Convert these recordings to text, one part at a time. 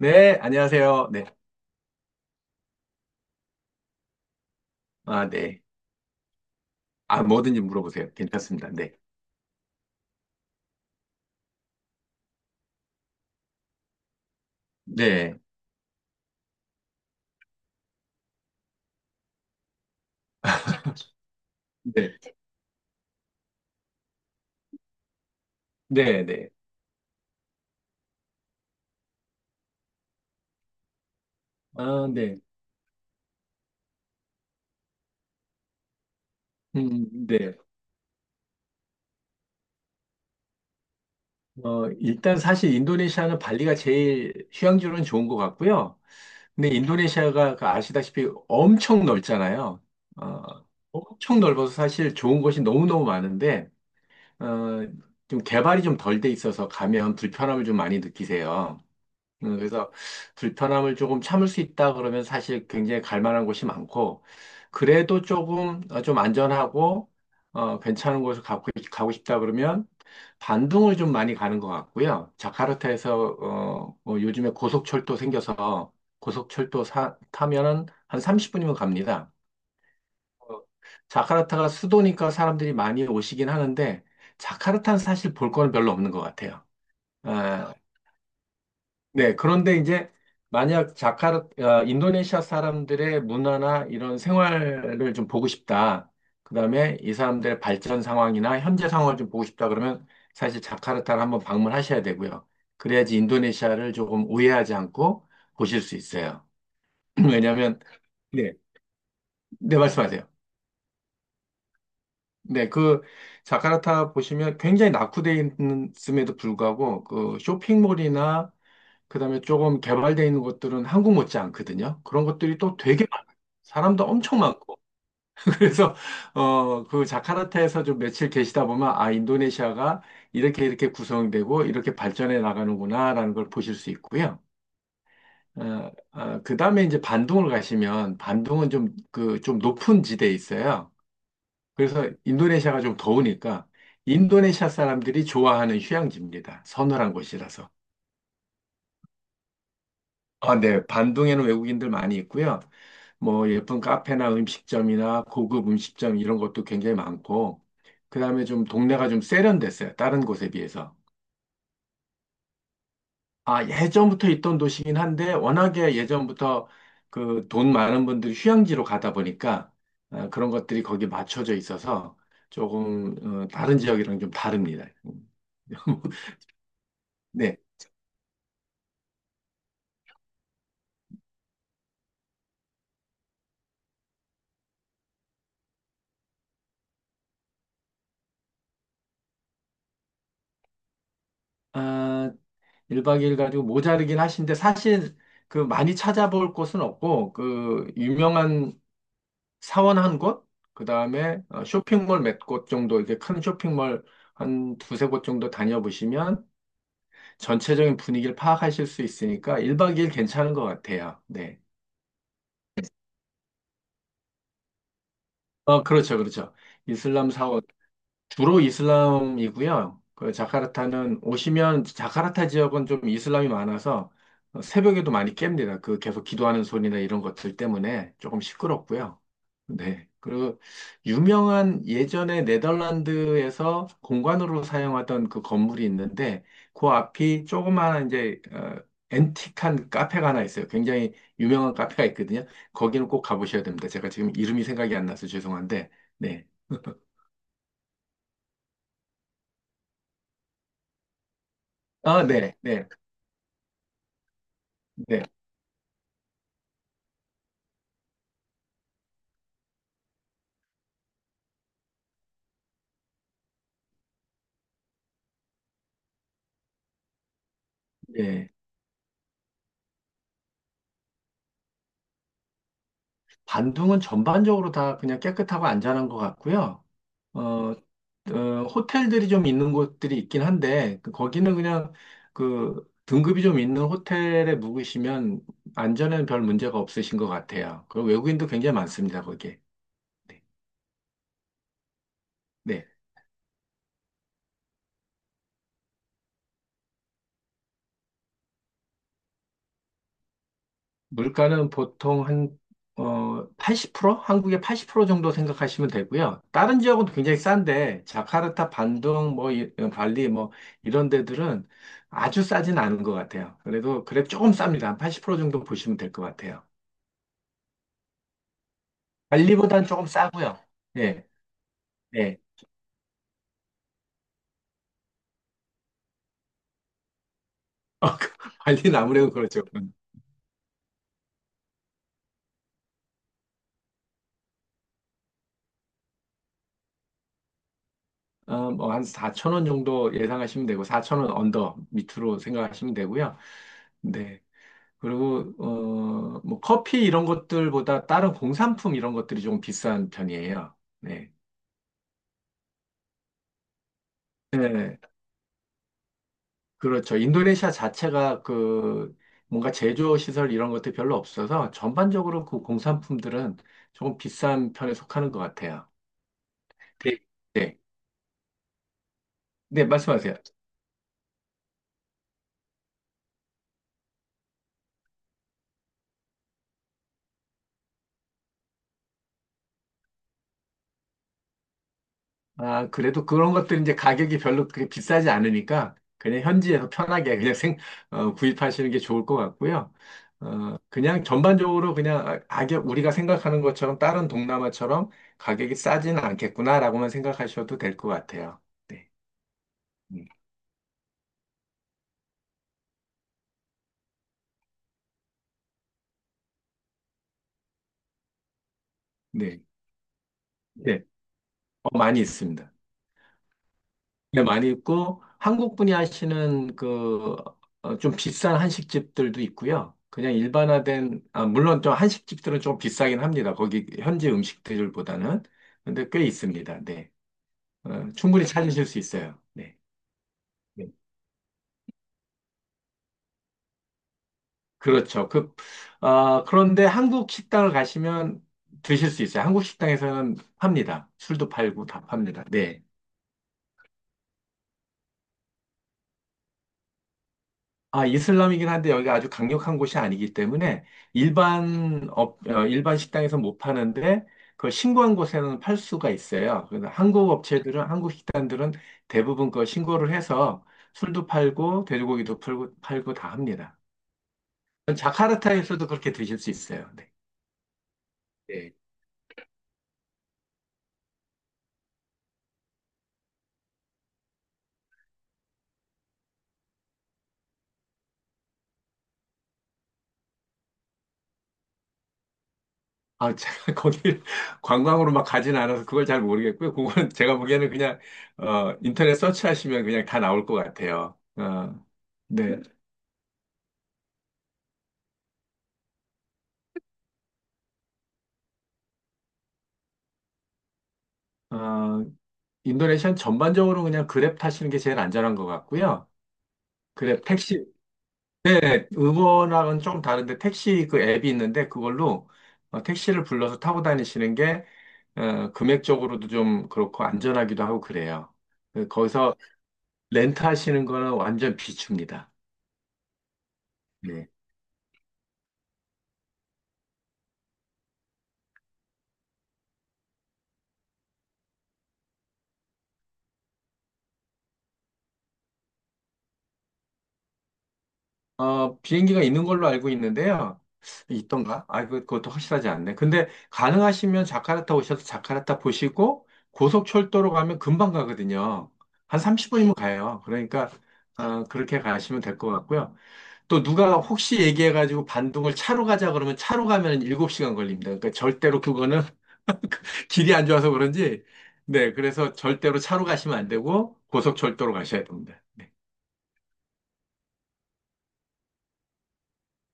네, 안녕하세요. 네. 아, 네. 아, 뭐든지 물어보세요. 괜찮습니다. 네. 네. 네. 네, 네. 아, 네. 네. 일단 사실 인도네시아는 발리가 제일 휴양지로는 좋은 것 같고요. 근데 인도네시아가 그 아시다시피 엄청 넓잖아요. 어, 엄청 넓어서 사실 좋은 곳이 너무너무 많은데, 어, 좀 개발이 좀 덜돼 있어서 가면 불편함을 좀 많이 느끼세요. 그래서 불편함을 조금 참을 수 있다 그러면 사실 굉장히 갈 만한 곳이 많고, 그래도 조금, 좀 안전하고, 괜찮은 곳을 가고 싶다 그러면 반둥을 좀 많이 가는 것 같고요. 자카르타에서, 요즘에 고속철도 생겨서 고속철도 타면은 한 30분이면 갑니다. 어, 자카르타가 수도니까 사람들이 많이 오시긴 하는데, 자카르타는 사실 볼 거는 별로 없는 것 같아요. 어, 네, 그런데 이제 만약 인도네시아 사람들의 문화나 이런 생활을 좀 보고 싶다. 그다음에 이 사람들의 발전 상황이나 현재 상황을 좀 보고 싶다 그러면 사실 자카르타를 한번 방문하셔야 되고요. 그래야지 인도네시아를 조금 오해하지 않고 보실 수 있어요. 왜냐하면 네, 네 말씀하세요. 네, 그 자카르타 보시면 굉장히 낙후돼 있음에도 불구하고 그 쇼핑몰이나 그다음에 조금 개발되어 있는 곳들은 한국 못지 않거든요. 그런 것들이 또 되게 많아요. 사람도 엄청 많고. 그래서 그 자카르타에서 좀 며칠 계시다 보면 아, 인도네시아가 이렇게 이렇게 구성되고 이렇게 발전해 나가는구나라는 걸 보실 수 있고요. 그다음에 이제 반둥을 가시면 반둥은 좀 그 좀 높은 지대에 있어요. 그래서 인도네시아가 좀 더우니까 인도네시아 사람들이 좋아하는 휴양지입니다. 서늘한 곳이라서. 아, 네. 반동에는 외국인들 많이 있고요. 뭐 예쁜 카페나 음식점이나 고급 음식점 이런 것도 굉장히 많고, 그다음에 좀 동네가 좀 세련됐어요. 다른 곳에 비해서. 아, 예전부터 있던 도시긴 한데 워낙에 예전부터 그 돈 많은 분들이 휴양지로 가다 보니까 아, 그런 것들이 거기 맞춰져 있어서 조금 다른 지역이랑 좀 다릅니다. 네. 아, 1박 2일 가지고 모자르긴 하신데 사실 그 많이 찾아볼 곳은 없고 그 유명한 사원 한 곳, 그다음에 쇼핑몰 몇 곳 정도 이렇게 큰 쇼핑몰 한 두세 곳 정도 다녀보시면 전체적인 분위기를 파악하실 수 있으니까 1박 2일 괜찮은 것 같아요. 네. 그렇죠. 그렇죠. 이슬람 사원 주로 이슬람이고요. 그 자카르타는 오시면 자카르타 지역은 좀 이슬람이 많아서 새벽에도 많이 깹니다. 그 계속 기도하는 소리나 이런 것들 때문에 조금 시끄럽고요. 네. 그리고 유명한 예전에 네덜란드에서 공관으로 사용하던 그 건물이 있는데 그 앞이 조그마한 이제 앤틱한 카페가 하나 있어요. 굉장히 유명한 카페가 있거든요. 거기는 꼭 가보셔야 됩니다. 제가 지금 이름이 생각이 안 나서 죄송한데. 네. 아, 네, 네, 네. 네, 반둥은 전반적으로 다 그냥 깨끗하고 안전한 것 같고요. 어, 호텔들이 좀 있는 곳들이 있긴 한데, 거기는 그냥 그 등급이 좀 있는 호텔에 묵으시면 안전에는 별 문제가 없으신 것 같아요. 그리고 외국인도 굉장히 많습니다, 거기에. 네. 네. 물가는 보통 한, 80%? 한국의 80% 정도 생각하시면 되고요. 다른 지역은 굉장히 싼데, 자카르타, 반둥, 뭐, 발리, 뭐, 이런 데들은 아주 싸진 않은 것 같아요. 그래도, 그래, 조금 쌉니다. 한 80% 정도 보시면 될 것 같아요. 발리보단 조금 싸고요. 예, 예. 그 발리는 아무래도 그렇죠. 음. 뭐, 한4천원 정도 예상하시면 되고, 4천원 언더 밑으로 생각하시면 되고요. 네. 그리고 뭐 커피 이런 것들보다 다른 공산품 이런 것들이 조금 비싼 편이에요. 네. 네, 그렇죠. 인도네시아 자체가 그 뭔가 제조 시설 이런 것들이 별로 없어서 전반적으로 그 공산품들은 조금 비싼 편에 속하는 것 같아요. 네. 네, 네, 말씀하세요. 아, 그래도 그런 것들은 이제 가격이 별로 그렇게 비싸지 않으니까 그냥 현지에서 편하게 그냥 구입하시는 게 좋을 것 같고요. 그냥 전반적으로 그냥 아, 악역 우리가 생각하는 것처럼 다른 동남아처럼 가격이 싸지는 않겠구나라고만 생각하셔도 될 것 같아요. 네. 음, 네. 네. 많이 있습니다. 네, 많이 있고 한국 분이 하시는 그 좀 비싼 한식집들도 있고요. 그냥 일반화된 아, 물론 좀 한식집들은 좀 비싸긴 합니다. 거기 현지 음식들보다는 근데 꽤 있습니다. 네, 충분히 찾으실 수 있어요. 네, 네. 그렇죠. 그 아, 그런데 한국 식당을 가시면 드실 수 있어요. 한국 식당에서는 팝니다. 술도 팔고 다 팝니다. 네. 아, 이슬람이긴 한데 여기가 아주 강력한 곳이 아니기 때문에 일반 일반 식당에서 못 파는데 그걸 신고한 곳에는 팔 수가 있어요. 그래서 한국 식당들은 대부분 그 신고를 해서 술도 팔고 돼지고기도 팔고 다 합니다. 자카르타에서도 그렇게 드실 수 있어요. 네. 네. 아, 제가 거기 관광으로 막 가진 않아서 그걸 잘 모르겠고요. 그거는 제가 보기에는 그냥 인터넷 서치하시면 그냥 다 나올 것 같아요. 네. 인도네시아는 전반적으로 그냥 그랩 타시는 게 제일 안전한 것 같고요. 그랩 택시, 네, 우버랑은 좀 다른데 택시 그 앱이 있는데 그걸로 택시를 불러서 타고 다니시는 게 금액적으로도 좀 그렇고 안전하기도 하고 그래요. 거기서 렌트하시는 거는 완전 비춥니다. 네. 비행기가 있는 걸로 알고 있는데요. 있던가? 아, 그것도 확실하지 않네. 근데 가능하시면 자카르타 오셔서 자카르타 보시고 고속철도로 가면 금방 가거든요. 한 30분이면 가요. 그러니까 그렇게 가시면 될 것 같고요. 또 누가 혹시 얘기해가지고 반동을 차로 가자 그러면 차로 가면 7시간 걸립니다. 그러니까 절대로 그거는 길이 안 좋아서 그런지 네, 그래서 절대로 차로 가시면 안 되고 고속철도로 가셔야 됩니다. 네,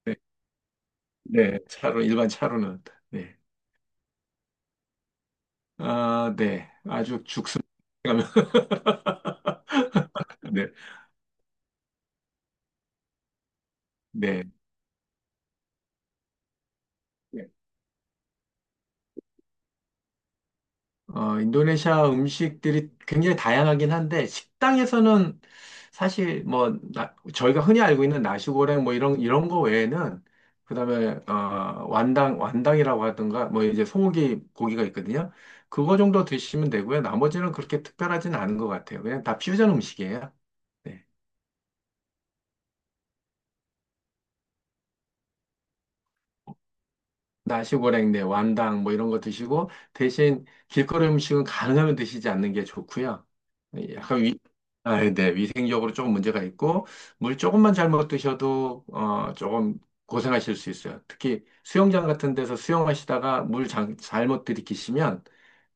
네, 네, 차로 일반 차로는 네. 아, 네. 아주 죽습니다. 네. 네. 네. 인도네시아 음식들이 굉장히 다양하긴 한데, 식당에서는 사실 뭐, 저희가 흔히 알고 있는 나시고랭 뭐 이런 거 외에는, 그 다음에, 완당이라고 하던가, 뭐 이제 소고기 고기가 있거든요. 그거 정도 드시면 되고요. 나머지는 그렇게 특별하진 않은 것 같아요. 그냥 다 퓨전 음식이에요. 네. 나시고랭, 네, 완당 뭐 이런 거 드시고 대신 길거리 음식은 가능하면 드시지 않는 게 좋고요. 약간 아, 네, 위생적으로 조금 문제가 있고 물 조금만 잘못 드셔도 조금 고생하실 수 있어요. 특히 수영장 같은 데서 수영하시다가 물 잘못 들이키시면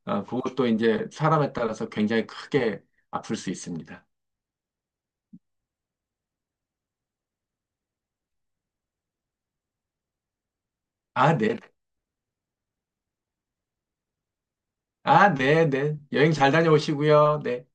그것도 이제 사람에 따라서 굉장히 크게 아플 수 있습니다. 아, 네. 아, 네, 네. 여행 잘 다녀오시고요. 네.